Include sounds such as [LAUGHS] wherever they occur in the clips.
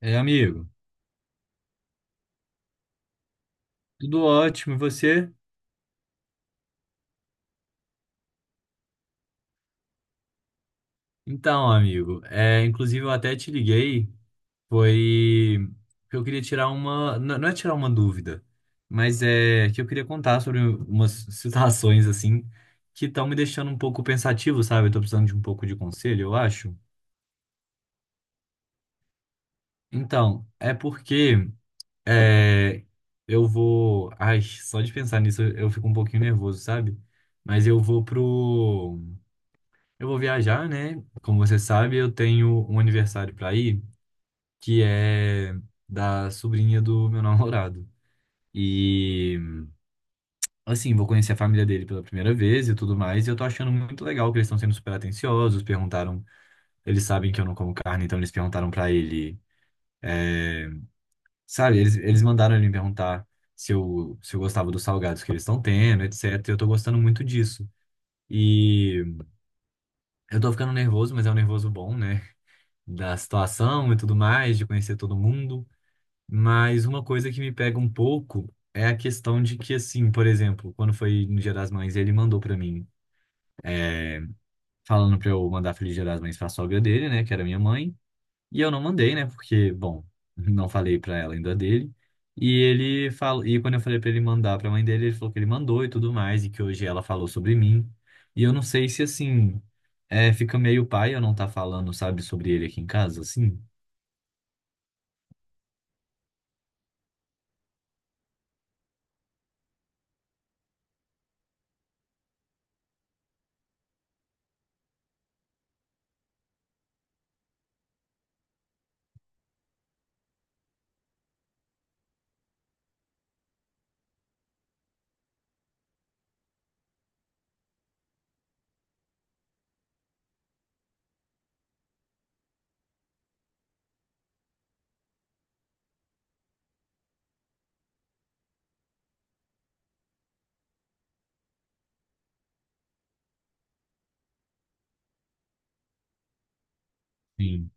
É, amigo, tudo ótimo, e você? Então, amigo, inclusive eu até te liguei, foi que eu queria tirar uma, não é tirar uma dúvida, mas é que eu queria contar sobre umas [LAUGHS] situações assim que estão me deixando um pouco pensativo, sabe? Eu tô precisando de um pouco de conselho, eu acho. Então, é porque é, eu vou, ai, só de pensar nisso eu fico um pouquinho nervoso, sabe? Mas eu vou pro Eu vou viajar, né? Como você sabe, eu tenho um aniversário para ir, que é da sobrinha do meu [LAUGHS] namorado. E, assim, vou conhecer a família dele pela primeira vez e tudo mais. E eu tô achando muito legal que eles estão sendo super atenciosos. Perguntaram, eles sabem que eu não como carne, então eles perguntaram para ele. é, sabe, eles mandaram ele me perguntar se eu gostava dos salgados que eles estão tendo, etc. E eu tô gostando muito disso. E eu tô ficando nervoso, mas é um nervoso bom, né? Da situação e tudo mais, de conhecer todo mundo. Mas uma coisa que me pega um pouco é a questão de que, assim, por exemplo, quando foi no Dia das Mães, ele mandou pra mim, é, falando pra eu mandar Feliz Dia das Mães pra sogra dele, né, que era minha mãe. E eu não mandei, né, porque, bom, [LAUGHS] não falei pra ela ainda dele. E ele falou, e quando eu falei pra ele mandar pra mãe dele, ele falou que ele mandou e tudo mais, e que hoje ela falou sobre mim. E eu não sei se, assim, é, fica meio pai eu não tá falando, sabe, sobre ele aqui em casa, assim. Sim.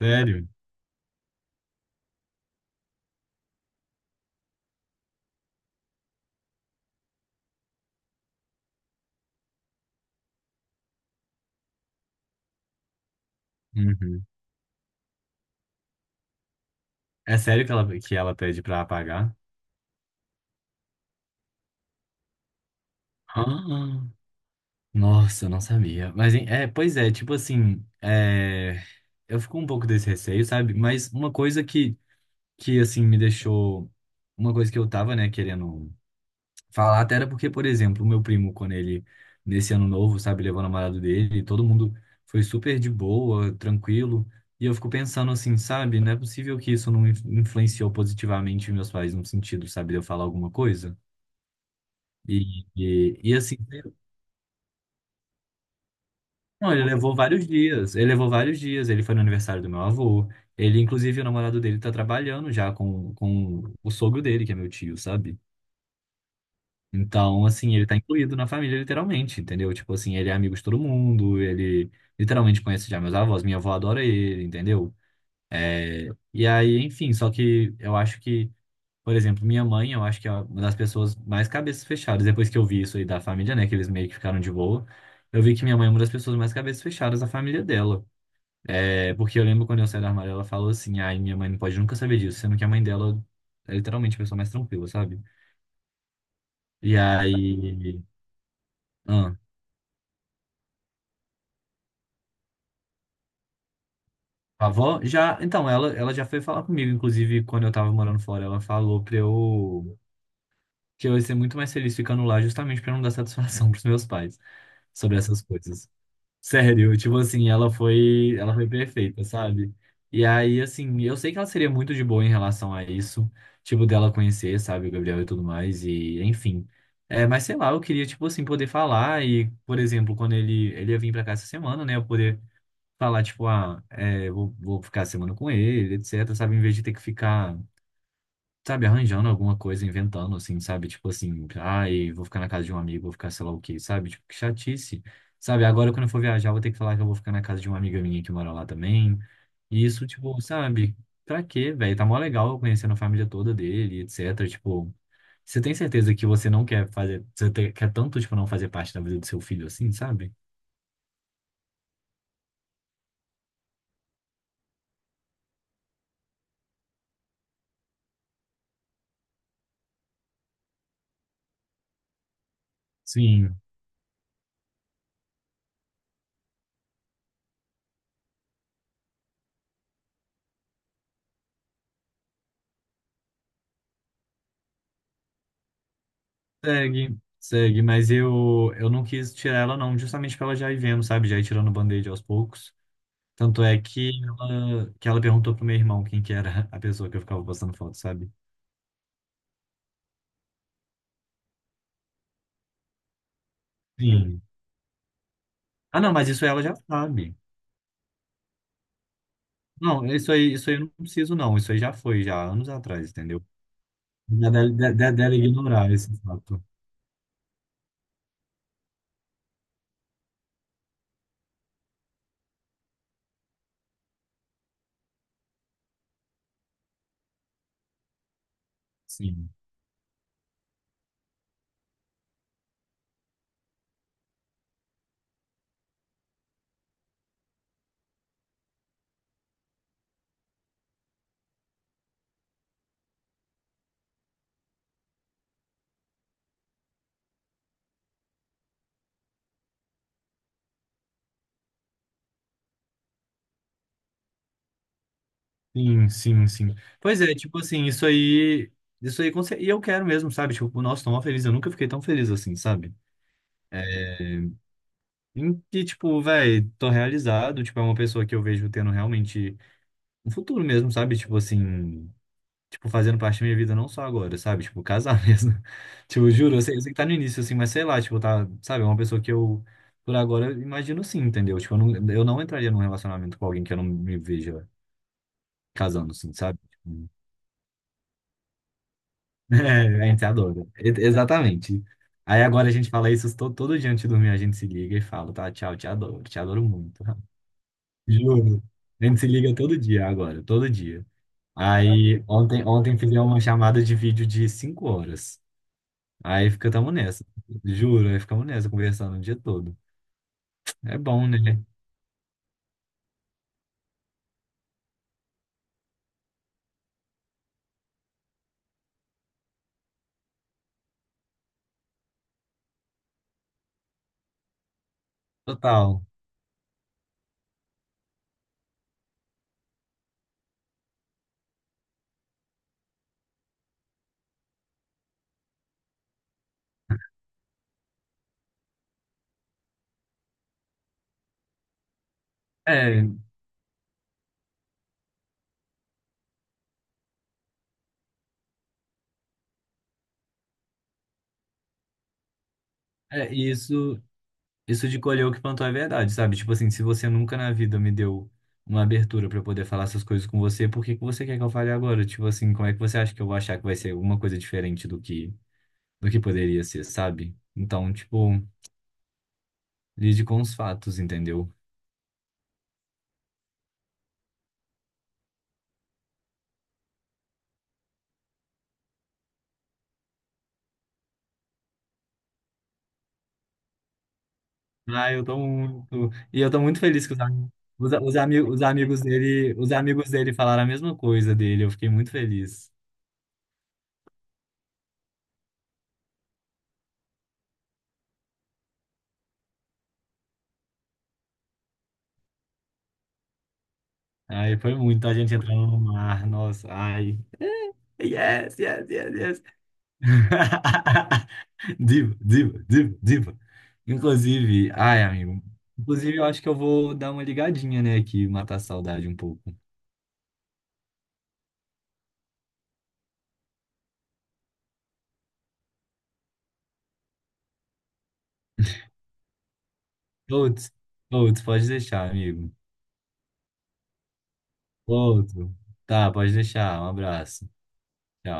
Sério? Uhum. É sério que ela pede pra apagar? Ah, nossa, eu não sabia. Mas, hein, é, pois é, tipo assim, é, eu fico um pouco desse receio, sabe? Mas uma coisa que assim, me deixou. Uma coisa que eu tava, né, querendo falar, até era porque, por exemplo, o meu primo, quando ele, nesse ano novo, sabe, levou o namorado dele, todo mundo foi super de boa, tranquilo. E eu fico pensando assim, sabe, não é possível que isso não influenciou positivamente meus pais no sentido, sabe, de eu falar alguma coisa. E assim, não, ele levou vários dias. Ele levou vários dias. Ele foi no aniversário do meu avô. Ele, inclusive, o namorado dele tá trabalhando já com o sogro dele, que é meu tio, sabe? Então, assim, ele tá incluído na família, literalmente, entendeu? Tipo assim, ele é amigo de todo mundo, ele literalmente conhece já meus avós, minha avó adora ele, entendeu? E aí, enfim, só que eu acho que, por exemplo, minha mãe, eu acho que é uma das pessoas mais cabeças fechadas. Depois que eu vi isso aí da família, né? Que eles meio que ficaram de boa. Eu vi que minha mãe é uma das pessoas mais cabeças fechadas da família dela. É, porque eu lembro quando eu saí do armário, ela falou assim: ai, minha mãe não pode nunca saber disso, sendo que a mãe dela é literalmente a pessoa mais tranquila, sabe? E aí. Ah, a avó já. Então, ela já foi falar comigo, inclusive quando eu tava morando fora, ela falou pra eu. Que eu ia ser muito mais feliz ficando lá, justamente pra não dar satisfação [LAUGHS] pros meus pais sobre essas coisas. Sério, tipo assim, ela foi perfeita, sabe? E aí, assim, eu sei que ela seria muito de boa em relação a isso, tipo, dela conhecer, sabe, o Gabriel e tudo mais, e enfim. É, mas sei lá, eu queria, tipo assim, poder falar e, por exemplo, quando ele ia vir pra cá essa semana, né, eu poder falar, tipo, ah, é, vou, vou ficar a semana com ele, etc, sabe, em vez de ter que ficar sabe, arranjando alguma coisa, inventando, assim, sabe? Tipo assim, ai, vou ficar na casa de um amigo, vou ficar sei lá o quê, sabe? Tipo, que chatice. Sabe, agora quando eu for viajar, eu vou ter que falar que eu vou ficar na casa de uma amiga minha que mora lá também. E isso, tipo, sabe? Pra quê, velho? Tá mó legal eu conhecendo a família toda dele, etc. Tipo, você tem certeza que você não quer fazer, você quer tanto, tipo, não fazer parte da vida do seu filho assim, sabe? Sim, segue, segue, mas eu não quis tirar ela não, justamente pra ela já ir vendo, sabe? Já ir tirando o band-aid aos poucos. Tanto é que ela perguntou pro meu irmão quem que era a pessoa que eu ficava postando foto, sabe? Sim. Ah, não, mas isso ela já sabe. Não, isso aí eu não preciso, não. Isso aí já foi, já, anos atrás, entendeu? Já dela, dela ignorar esse fato. Sim. Sim, sim, sim. Pois é, tipo assim, isso aí. Isso aí, com e eu quero mesmo, sabe? Tipo, nossa, tô mó feliz. Eu nunca fiquei tão feliz assim, sabe? Em que, tipo, velho, tô realizado. Tipo, é uma pessoa que eu vejo tendo realmente um futuro mesmo, sabe? Tipo assim. Tipo, fazendo parte da minha vida não só agora, sabe? Tipo, casar [LAUGHS] mesmo. Tipo, juro, eu sei que tá no início, assim, mas sei lá, tipo, tá, sabe? É uma pessoa que eu, por agora, eu imagino sim, entendeu? Tipo, eu não entraria num relacionamento com alguém que eu não me veja casando, assim, sabe? Tipo, [LAUGHS] é, a gente adora. Exatamente. Aí agora a gente fala isso todo, todo dia antes de dormir, a gente se liga e fala, tá, tchau, te adoro muito. [LAUGHS] Juro. A gente se liga todo dia agora, todo dia. Aí ontem, ontem fizemos uma chamada de vídeo de cinco horas. Aí ficamos nessa. Juro, aí ficamos nessa, conversando o dia todo. É bom, né? Total. É, é isso, isso de colher o que plantou é verdade, sabe? Tipo assim, se você nunca na vida me deu uma abertura pra eu poder falar essas coisas com você, por que que você quer que eu fale agora? Tipo assim, como é que você acha que eu vou achar que vai ser alguma coisa diferente do que poderia ser, sabe? Então, tipo, lide com os fatos, entendeu? Ah, eu tô muito. E eu tô muito feliz que os, os, os amigos dele falaram a mesma coisa dele. Eu fiquei muito feliz. Ai, foi muito a gente entrando no mar. Nossa, ai. Yes, yes, yes, yes. [LAUGHS] Diva, diva, diva, diva. Inclusive, ai, amigo. Inclusive, eu acho que eu vou dar uma ligadinha, né, aqui, matar a saudade um pouco. Outros, outros, pode deixar, amigo. Outro. Tá, pode deixar. Um abraço. Tchau.